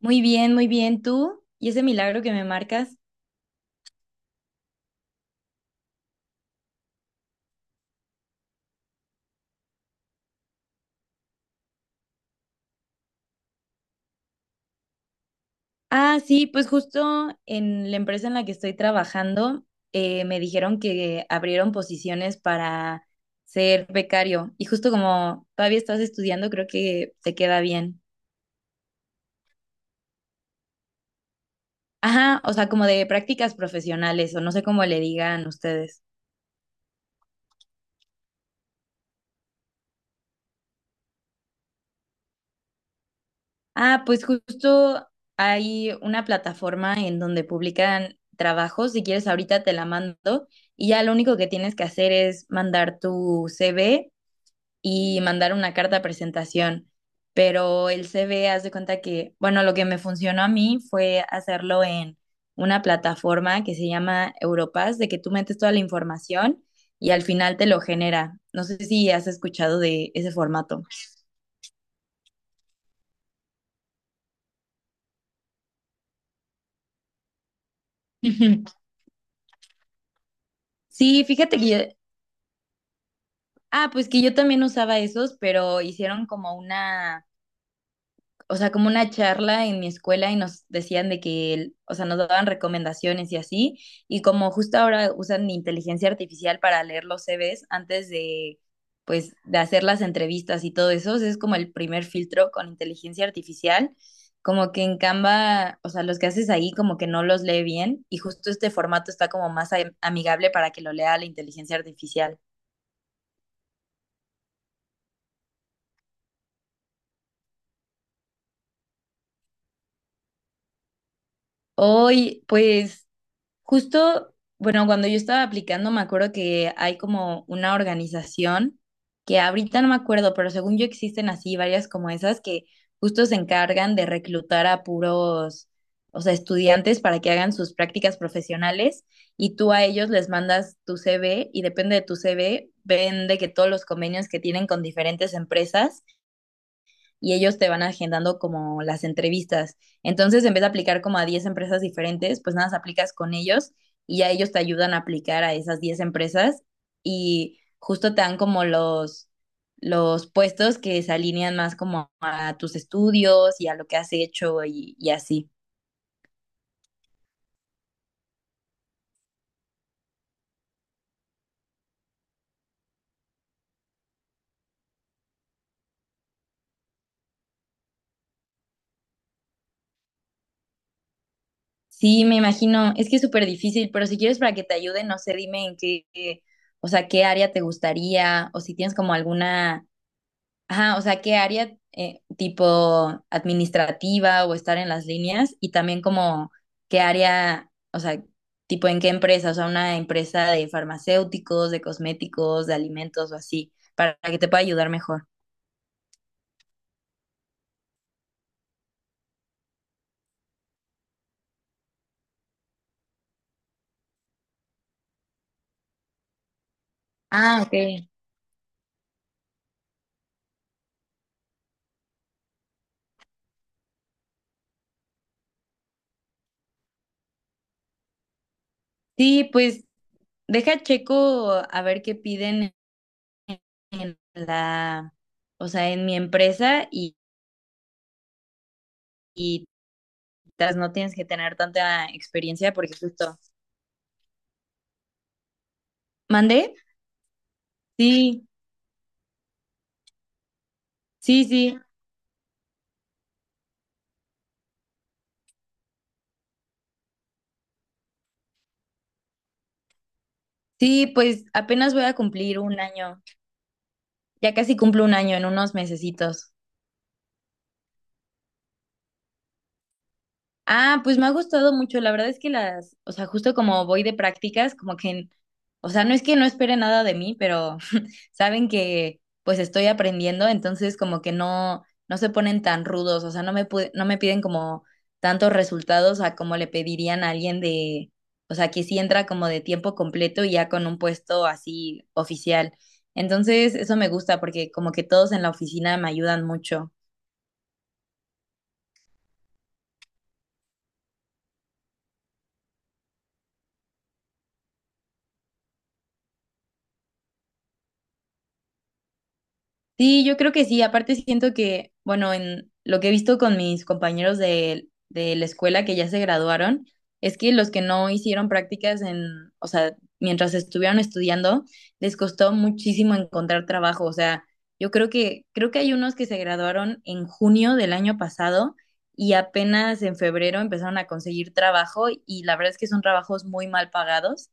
Muy bien, muy bien. ¿Tú? ¿Y ese milagro que me marcas? Ah, sí, pues justo en la empresa en la que estoy trabajando, me dijeron que abrieron posiciones para ser becario. Y justo como todavía estás estudiando, creo que te queda bien. Ajá, o sea, como de prácticas profesionales, o no sé cómo le digan ustedes. Ah, pues justo hay una plataforma en donde publican trabajos. Si quieres, ahorita te la mando y ya lo único que tienes que hacer es mandar tu CV y mandar una carta de presentación. Pero el CV, haz de cuenta que, bueno, lo que me funcionó a mí fue hacerlo en una plataforma que se llama Europass, de que tú metes toda la información y al final te lo genera. No sé si has escuchado de ese formato. Sí, fíjate que yo. Ah, pues que yo también usaba esos, pero hicieron como una, o sea, como una charla en mi escuela y nos decían de que, o sea, nos daban recomendaciones y así, y como justo ahora usan inteligencia artificial para leer los CVs antes de, pues, de hacer las entrevistas y todo eso, o es como el primer filtro con inteligencia artificial, como que en Canva, o sea, los que haces ahí como que no los lee bien, y justo este formato está como más amigable para que lo lea la inteligencia artificial. Hoy, pues. Justo, bueno, cuando yo estaba aplicando, me acuerdo que hay como una organización que ahorita no me acuerdo, pero según yo existen así varias como esas que justo se encargan de reclutar a puros, o sea, estudiantes para que hagan sus prácticas profesionales y tú a ellos les mandas tu CV y depende de tu CV, ven de que todos los convenios que tienen con diferentes empresas y ellos te van agendando como las entrevistas. Entonces, en vez de aplicar como a 10 empresas diferentes, pues nada, más aplicas con ellos y ya ellos te ayudan a aplicar a esas 10 empresas y justo te dan como los puestos que se alinean más como a tus estudios y a lo que has hecho y así. Sí, me imagino, es que es súper difícil, pero si quieres para que te ayude, no sé, dime en qué, o sea, qué área te gustaría o si tienes como alguna. Ajá, o sea, ¿qué área tipo administrativa o estar en las líneas? Y también como qué área, o sea, tipo en qué empresa, o sea, una empresa de farmacéuticos, de cosméticos, de alimentos o así, para que te pueda ayudar mejor. Ah, ok. Sí, pues deja checo a ver qué piden en la, o sea, en mi empresa y no tienes que tener tanta experiencia porque justo. ¿Mandé? Sí, sí, sí. Sí, pues apenas voy a cumplir un año. Ya casi cumplo un año en unos mesecitos. Ah, pues me ha gustado mucho. La verdad es que las, o sea, justo como voy de prácticas, como que, o sea, no es que no espere nada de mí, pero saben que pues estoy aprendiendo, entonces como que no, no se ponen tan rudos, o sea, no me piden como tantos resultados a como le pedirían a alguien de, o sea, que sí entra como de tiempo completo y ya con un puesto así oficial. Entonces, eso me gusta porque como que todos en la oficina me ayudan mucho. Sí, yo creo que sí. Aparte siento que, bueno, en lo que he visto con mis compañeros de la escuela que ya se graduaron, es que los que no hicieron prácticas en, o sea, mientras estuvieron estudiando, les costó muchísimo encontrar trabajo. O sea, yo creo que hay unos que se graduaron en junio del año pasado y apenas en febrero empezaron a conseguir trabajo y la verdad es que son trabajos muy mal pagados.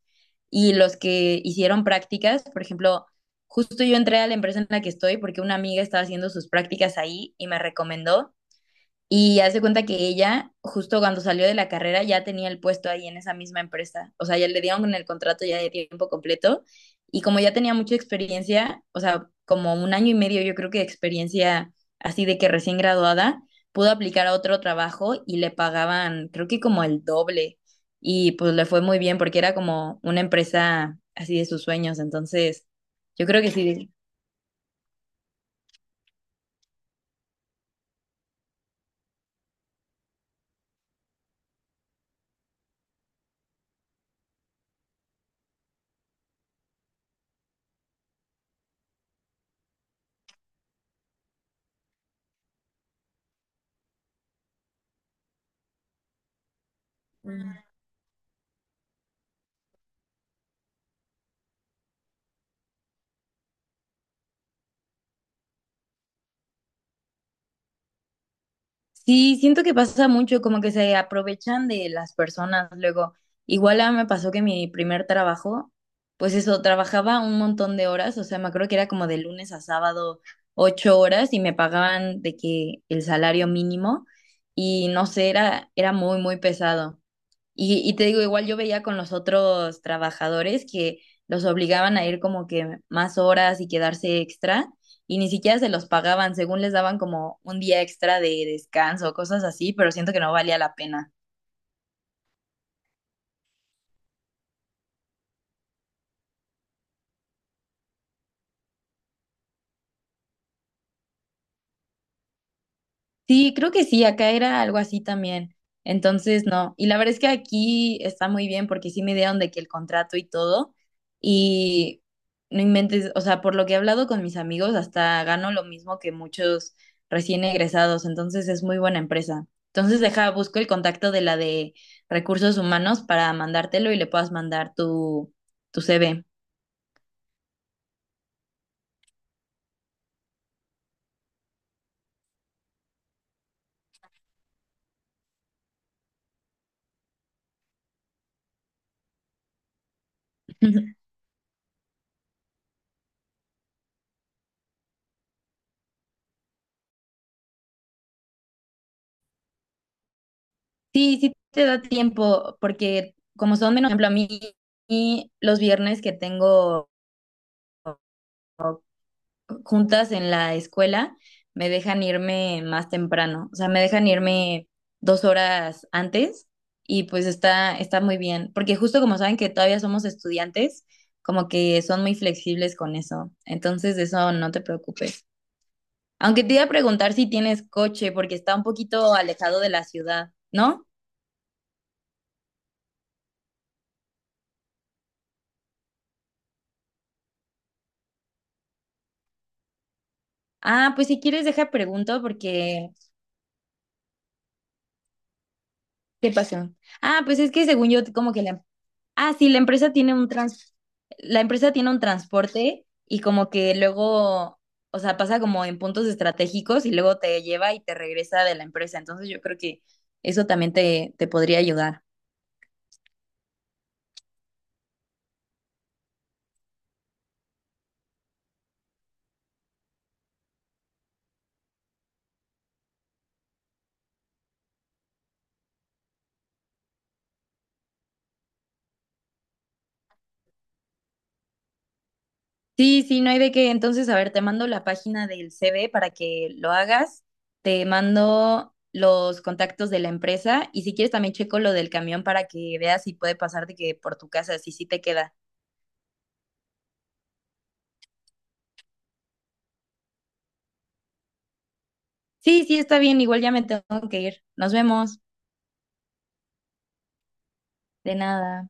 Y los que hicieron prácticas, por ejemplo. Justo yo entré a la empresa en la que estoy porque una amiga estaba haciendo sus prácticas ahí y me recomendó. Y hace cuenta que ella, justo cuando salió de la carrera, ya tenía el puesto ahí en esa misma empresa. O sea, ya le dieron el contrato ya de tiempo completo. Y como ya tenía mucha experiencia, o sea, como un año y medio yo creo que de experiencia así de que recién graduada, pudo aplicar a otro trabajo y le pagaban creo que como el doble. Y pues le fue muy bien porque era como una empresa así de sus sueños. Entonces, yo creo que sí. Sí, siento que pasa mucho, como que se aprovechan de las personas luego. Igual a mí me pasó que mi primer trabajo, pues eso, trabajaba un montón de horas, o sea, me acuerdo que era como de lunes a sábado 8 horas y me pagaban de que el salario mínimo y no sé, era muy, muy pesado. Y te digo, igual yo veía con los otros trabajadores que los obligaban a ir como que más horas y quedarse extra y ni siquiera se los pagaban, según les daban como un día extra de descanso, cosas así, pero siento que no valía la pena. Sí, creo que sí, acá era algo así también. Entonces, no. Y la verdad es que aquí está muy bien porque sí me dieron de que el contrato y todo. Y no inventes, o sea, por lo que he hablado con mis amigos, hasta gano lo mismo que muchos recién egresados. Entonces, es muy buena empresa. Entonces, deja, busco el contacto de la de recursos humanos para mandártelo y le puedas mandar tu CV. Sí, sí te da tiempo porque como son menos, por ejemplo, a mí y los viernes que tengo juntas en la escuela, me dejan irme más temprano, o sea, me dejan irme 2 horas antes y pues está muy bien, porque justo como saben que todavía somos estudiantes, como que son muy flexibles con eso, entonces de eso no te preocupes. Aunque te iba a preguntar si tienes coche, porque está un poquito alejado de la ciudad, ¿no? Ah, pues si quieres deja pregunto porque. ¿Qué pasó? Ah, pues es que según yo como que la Ah, sí, la empresa tiene un transporte y como que luego, o sea, pasa como en puntos estratégicos y luego te lleva y te regresa de la empresa. Entonces yo creo que eso también te podría ayudar. Sí, sí, no hay de qué. Entonces, a ver, te mando la página del CV para que lo hagas. Te mando los contactos de la empresa y si quieres también checo lo del camión para que veas si puede pasarte que por tu casa, si sí te queda. Sí, sí, está bien. Igual ya me tengo que ir. Nos vemos. De nada.